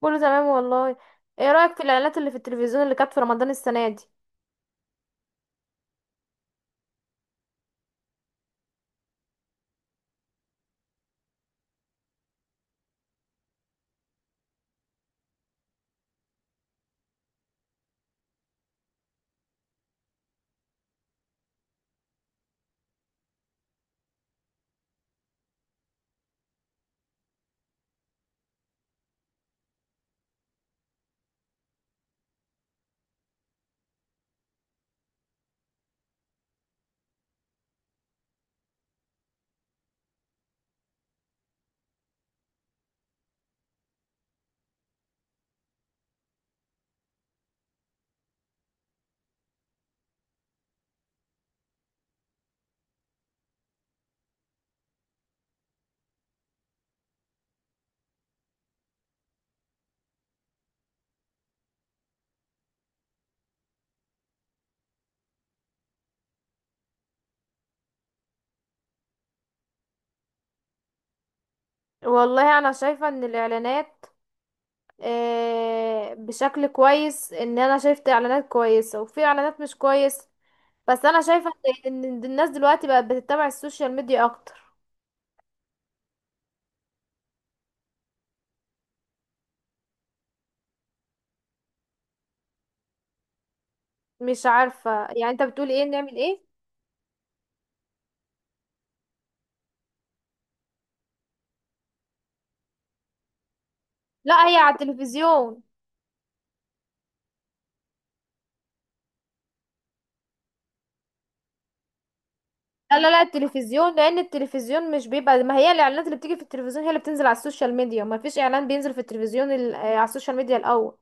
كله تمام والله. ايه رأيك في الاعلانات اللي في التلفزيون اللي كانت في رمضان السنة دي؟ والله انا شايفة ان الاعلانات بشكل كويس، ان انا شايفت اعلانات كويسة وفي اعلانات مش كويس. بس انا شايفة ان الناس دلوقتي بقت بتتبع السوشيال ميديا اكتر. مش عارفة، يعني انت بتقول ايه نعمل ايه؟ لا، هي على التلفزيون. لا لا لا، التلفزيون، لان التلفزيون مش بيبقى، ما هي الاعلانات اللي بتيجي في التلفزيون هي اللي بتنزل على السوشيال ميديا، ما فيش اعلان بينزل في التلفزيون على السوشيال ميديا الاول.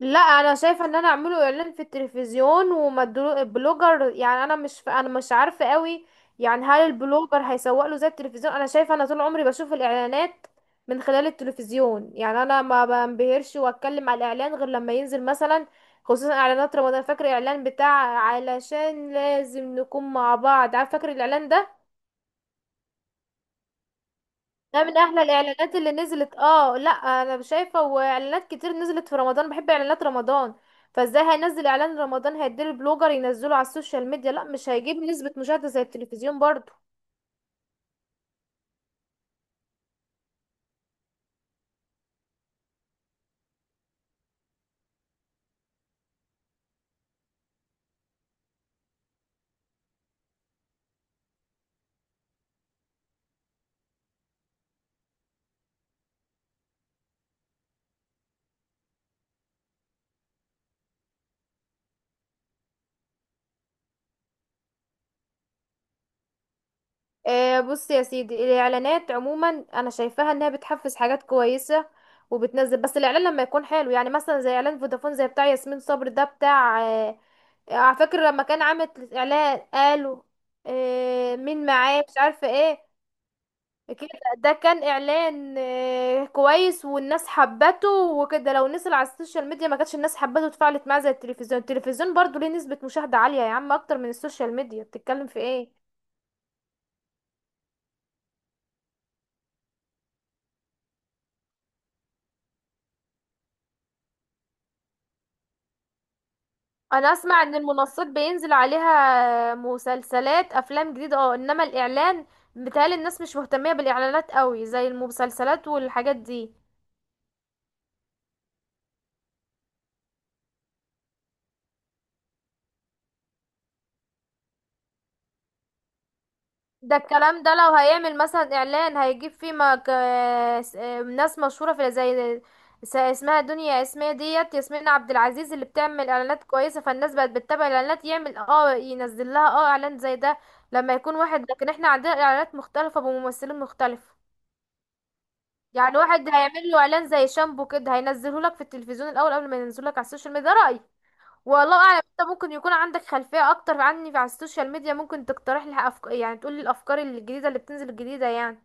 لا انا شايفه ان انا اعمله اعلان في التلفزيون البلوجر، يعني انا مش عارفه قوي، يعني هل البلوجر هيسوق له زي التلفزيون؟ انا شايفه انا طول عمري بشوف الاعلانات من خلال التلفزيون، يعني انا ما بنبهرش واتكلم على الاعلان غير لما ينزل مثلا، خصوصا اعلانات رمضان. فاكر الاعلان بتاع علشان لازم نكون مع بعض؟ عارف فاكر الاعلان ده؟ ده من احلى الاعلانات اللي نزلت. اه، لا انا شايفه، واعلانات كتير نزلت في رمضان، بحب اعلانات رمضان. فازاي هينزل اعلان رمضان هيدير البلوجر ينزله على السوشيال ميديا؟ لا، مش هيجيب نسبه مشاهده زي التلفزيون برضو. آه، بص يا سيدي، الاعلانات عموما انا شايفاها انها بتحفز حاجات كويسه وبتنزل، بس الاعلان لما يكون حلو، يعني مثلا زي اعلان فودافون، زي بتاع ياسمين صبري، ده بتاع على فكره، لما كان عامل اعلان قالوا مين معاه مش عارفه ايه كده، ده كان اعلان كويس، والناس حبته وكده. لو نزل على السوشيال ميديا ما كانتش الناس حبته واتفاعلت معاه زي التلفزيون. التلفزيون برضو ليه نسبة مشاهدة عالية يا عم، اكتر من السوشيال ميديا، بتتكلم في ايه؟ انا اسمع ان المنصات بينزل عليها مسلسلات افلام جديدة، اه، انما الاعلان بيتهيألي الناس مش مهتمية بالاعلانات قوي زي المسلسلات والحاجات دي. ده الكلام ده لو هيعمل مثلا اعلان هيجيب فيه ما ك... س- آه، ناس مشهوره، في اسمها دنيا، اسمها ديت ياسمين عبد العزيز، اللي بتعمل اعلانات كويسه. فالناس بقت بتتابع الاعلانات، يعمل اه ينزل لها اه اعلان زي ده لما يكون واحد. لكن احنا عندنا اعلانات مختلفه بممثلين مختلف، يعني واحد هيعمل له اعلان زي شامبو كده، هينزله لك في التلفزيون الاول قبل ما ينزله لك على السوشيال ميديا. ده رايي، والله اعلم. انت ممكن يكون عندك خلفية اكتر عني في على السوشيال ميديا، ممكن تقترح لي يعني تقول لي الافكار الجديدة اللي بتنزل الجديدة يعني.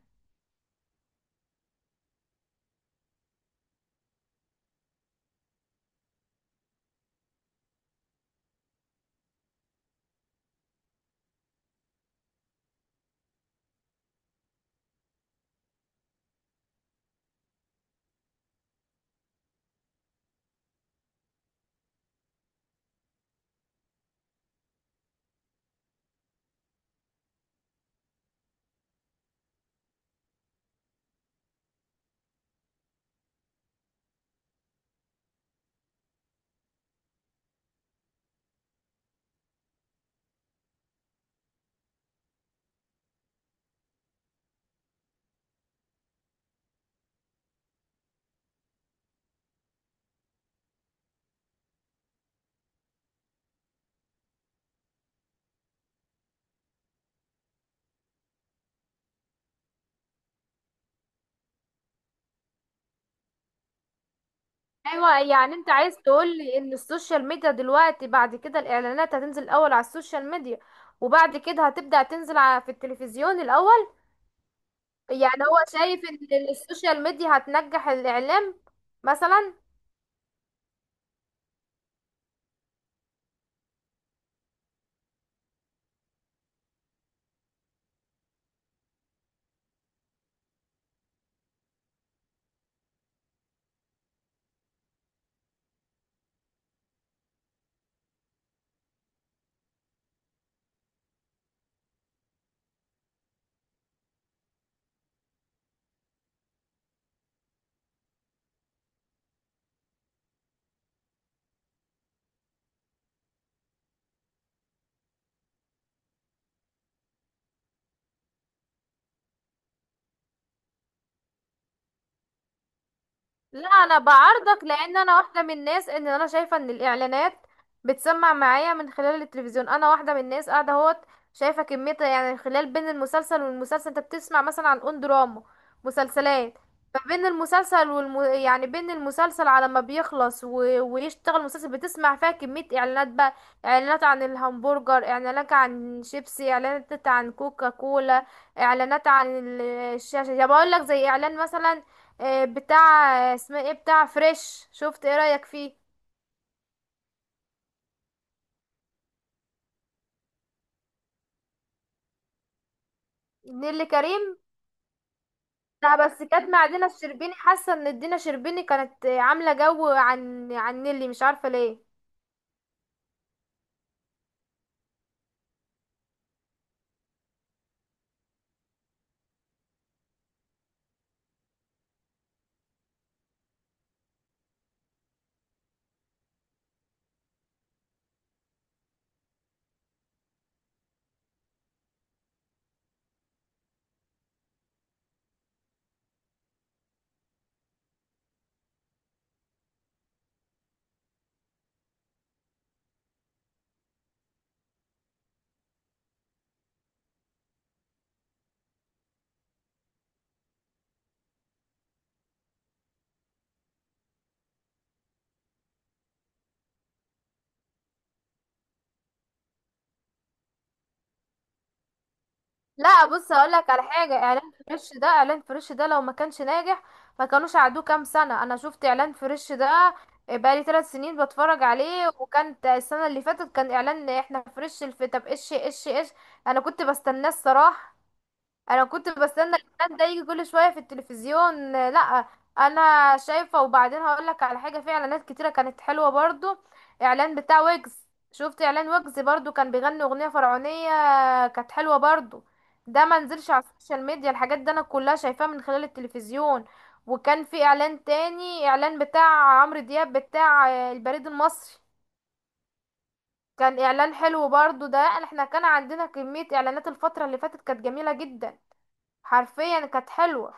ايوه، يعني انت عايز تقول لي ان السوشيال ميديا دلوقتي بعد كده الاعلانات هتنزل الاول على السوشيال ميديا وبعد كده هتبدأ تنزل على في التلفزيون الاول؟ يعني هو شايف ان السوشيال ميديا هتنجح الاعلام مثلا. لا انا بعارضك، لان انا واحده من الناس، ان انا شايفه ان الاعلانات بتسمع معايا من خلال التلفزيون. انا واحده من الناس قاعده اهوت شايفه كميه، يعني خلال بين المسلسل والمسلسل انت بتسمع مثلا عن اون دراما مسلسلات، فبين المسلسل يعني بين المسلسل على ما بيخلص ويشتغل المسلسل بتسمع فيها كميه اعلانات بقى، اعلانات عن الهمبرجر، اعلانات عن شيبسي، اعلانات عن كوكا كولا، اعلانات عن الشاشه. يا بقول لك زي اعلان مثلا بتاع اسمه ايه، بتاع فريش، شفت ايه رأيك فيه؟ نيللي كريم. لا بس كانت مع دينا الشربيني، حاسة ان دينا الشربيني كانت عاملة جو عن نيللي، مش عارفة ليه. لا بص هقولك على حاجة، اعلان فريش ده، اعلان فريش ده لو ما كانش ناجح ما كانوش قعدوه كام سنة. انا شفت اعلان فريش ده بقالي 3 سنين بتفرج عليه، وكانت السنة اللي فاتت كان اعلان احنا فريش الفتى ايش ايش ايش. انا كنت بستناه الصراحة، انا كنت بستنى الاعلان ده يجي كل شويه في التلفزيون. لا انا شايفه، وبعدين هقول لك على حاجه، في اعلانات كتيره كانت حلوه برضو، اعلان بتاع ويجز. شفت اعلان ويجز؟ برضو كان بيغني اغنيه فرعونيه، كانت حلوه برضو. ده ما نزلش على السوشيال ميديا، الحاجات دي انا كلها شايفاها من خلال التلفزيون. وكان في اعلان تاني، اعلان بتاع عمرو دياب بتاع البريد المصري، كان اعلان حلو برضو. ده احنا كان عندنا كميه اعلانات الفتره اللي فاتت كانت جميله جدا، حرفيا كانت حلوة.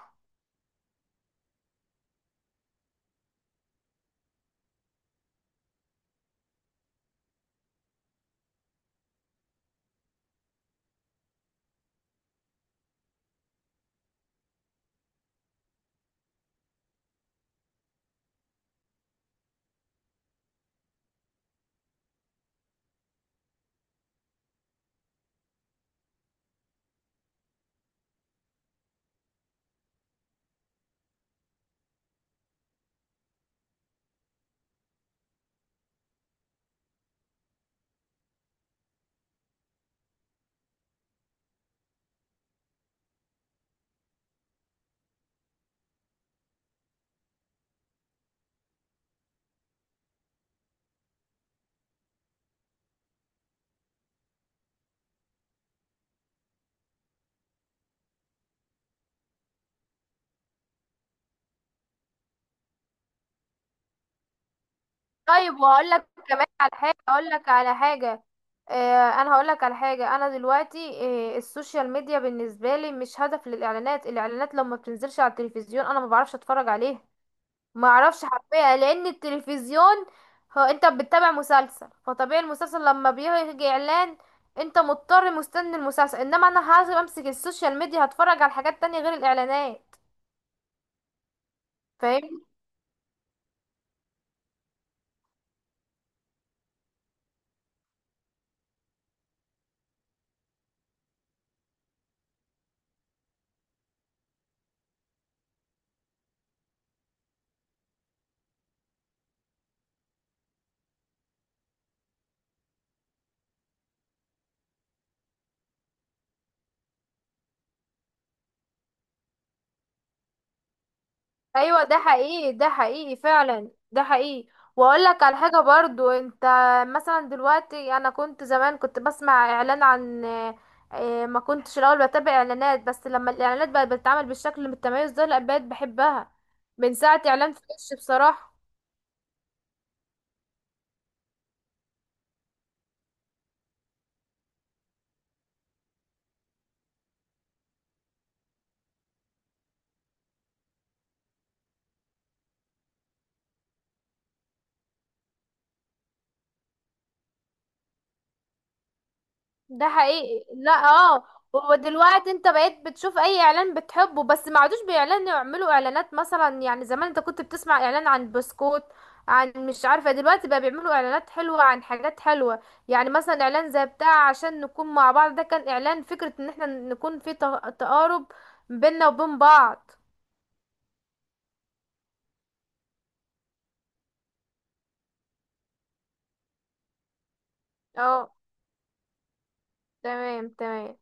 طيب وهقول لك كمان على حاجة، هقول لك على حاجة. آه، انا هقول لك على حاجة. انا دلوقتي السوشيال ميديا بالنسبة لي مش هدف للاعلانات. الاعلانات لما بتنزلش على التلفزيون انا ما بعرفش اتفرج عليها، ما اعرفش حرفيا، لان التلفزيون هو انت بتتابع مسلسل، فطبيعي المسلسل لما بيجي اعلان انت مضطر مستني المسلسل، انما انا هاجي امسك السوشيال ميديا هتفرج على حاجات تانية غير الاعلانات، فاهم؟ ايوه ده حقيقي، ده حقيقي فعلا، ده حقيقي. واقول لك على حاجه برضو انت، مثلا دلوقتي انا كنت زمان كنت بسمع اعلان عن ما كنتش الاول بتابع اعلانات، بس لما الاعلانات بقت بتتعمل بالشكل المتميز ده لا بقيت بحبها من ساعه اعلان فريش بصراحه. ده حقيقي، لا اه. ودلوقتي انت بقيت بتشوف اي اعلان بتحبه، بس ما عادوش بيعلنوا، يعملوا اعلانات مثلا، يعني زمان انت كنت بتسمع اعلان عن بسكوت عن مش عارفة. دلوقتي بقى بيعملوا اعلانات حلوة عن حاجات حلوة، يعني مثلا اعلان زي بتاع عشان نكون مع بعض، ده كان اعلان فكرة ان احنا نكون في تقارب بيننا وبين بعض. اه، تمام تمام.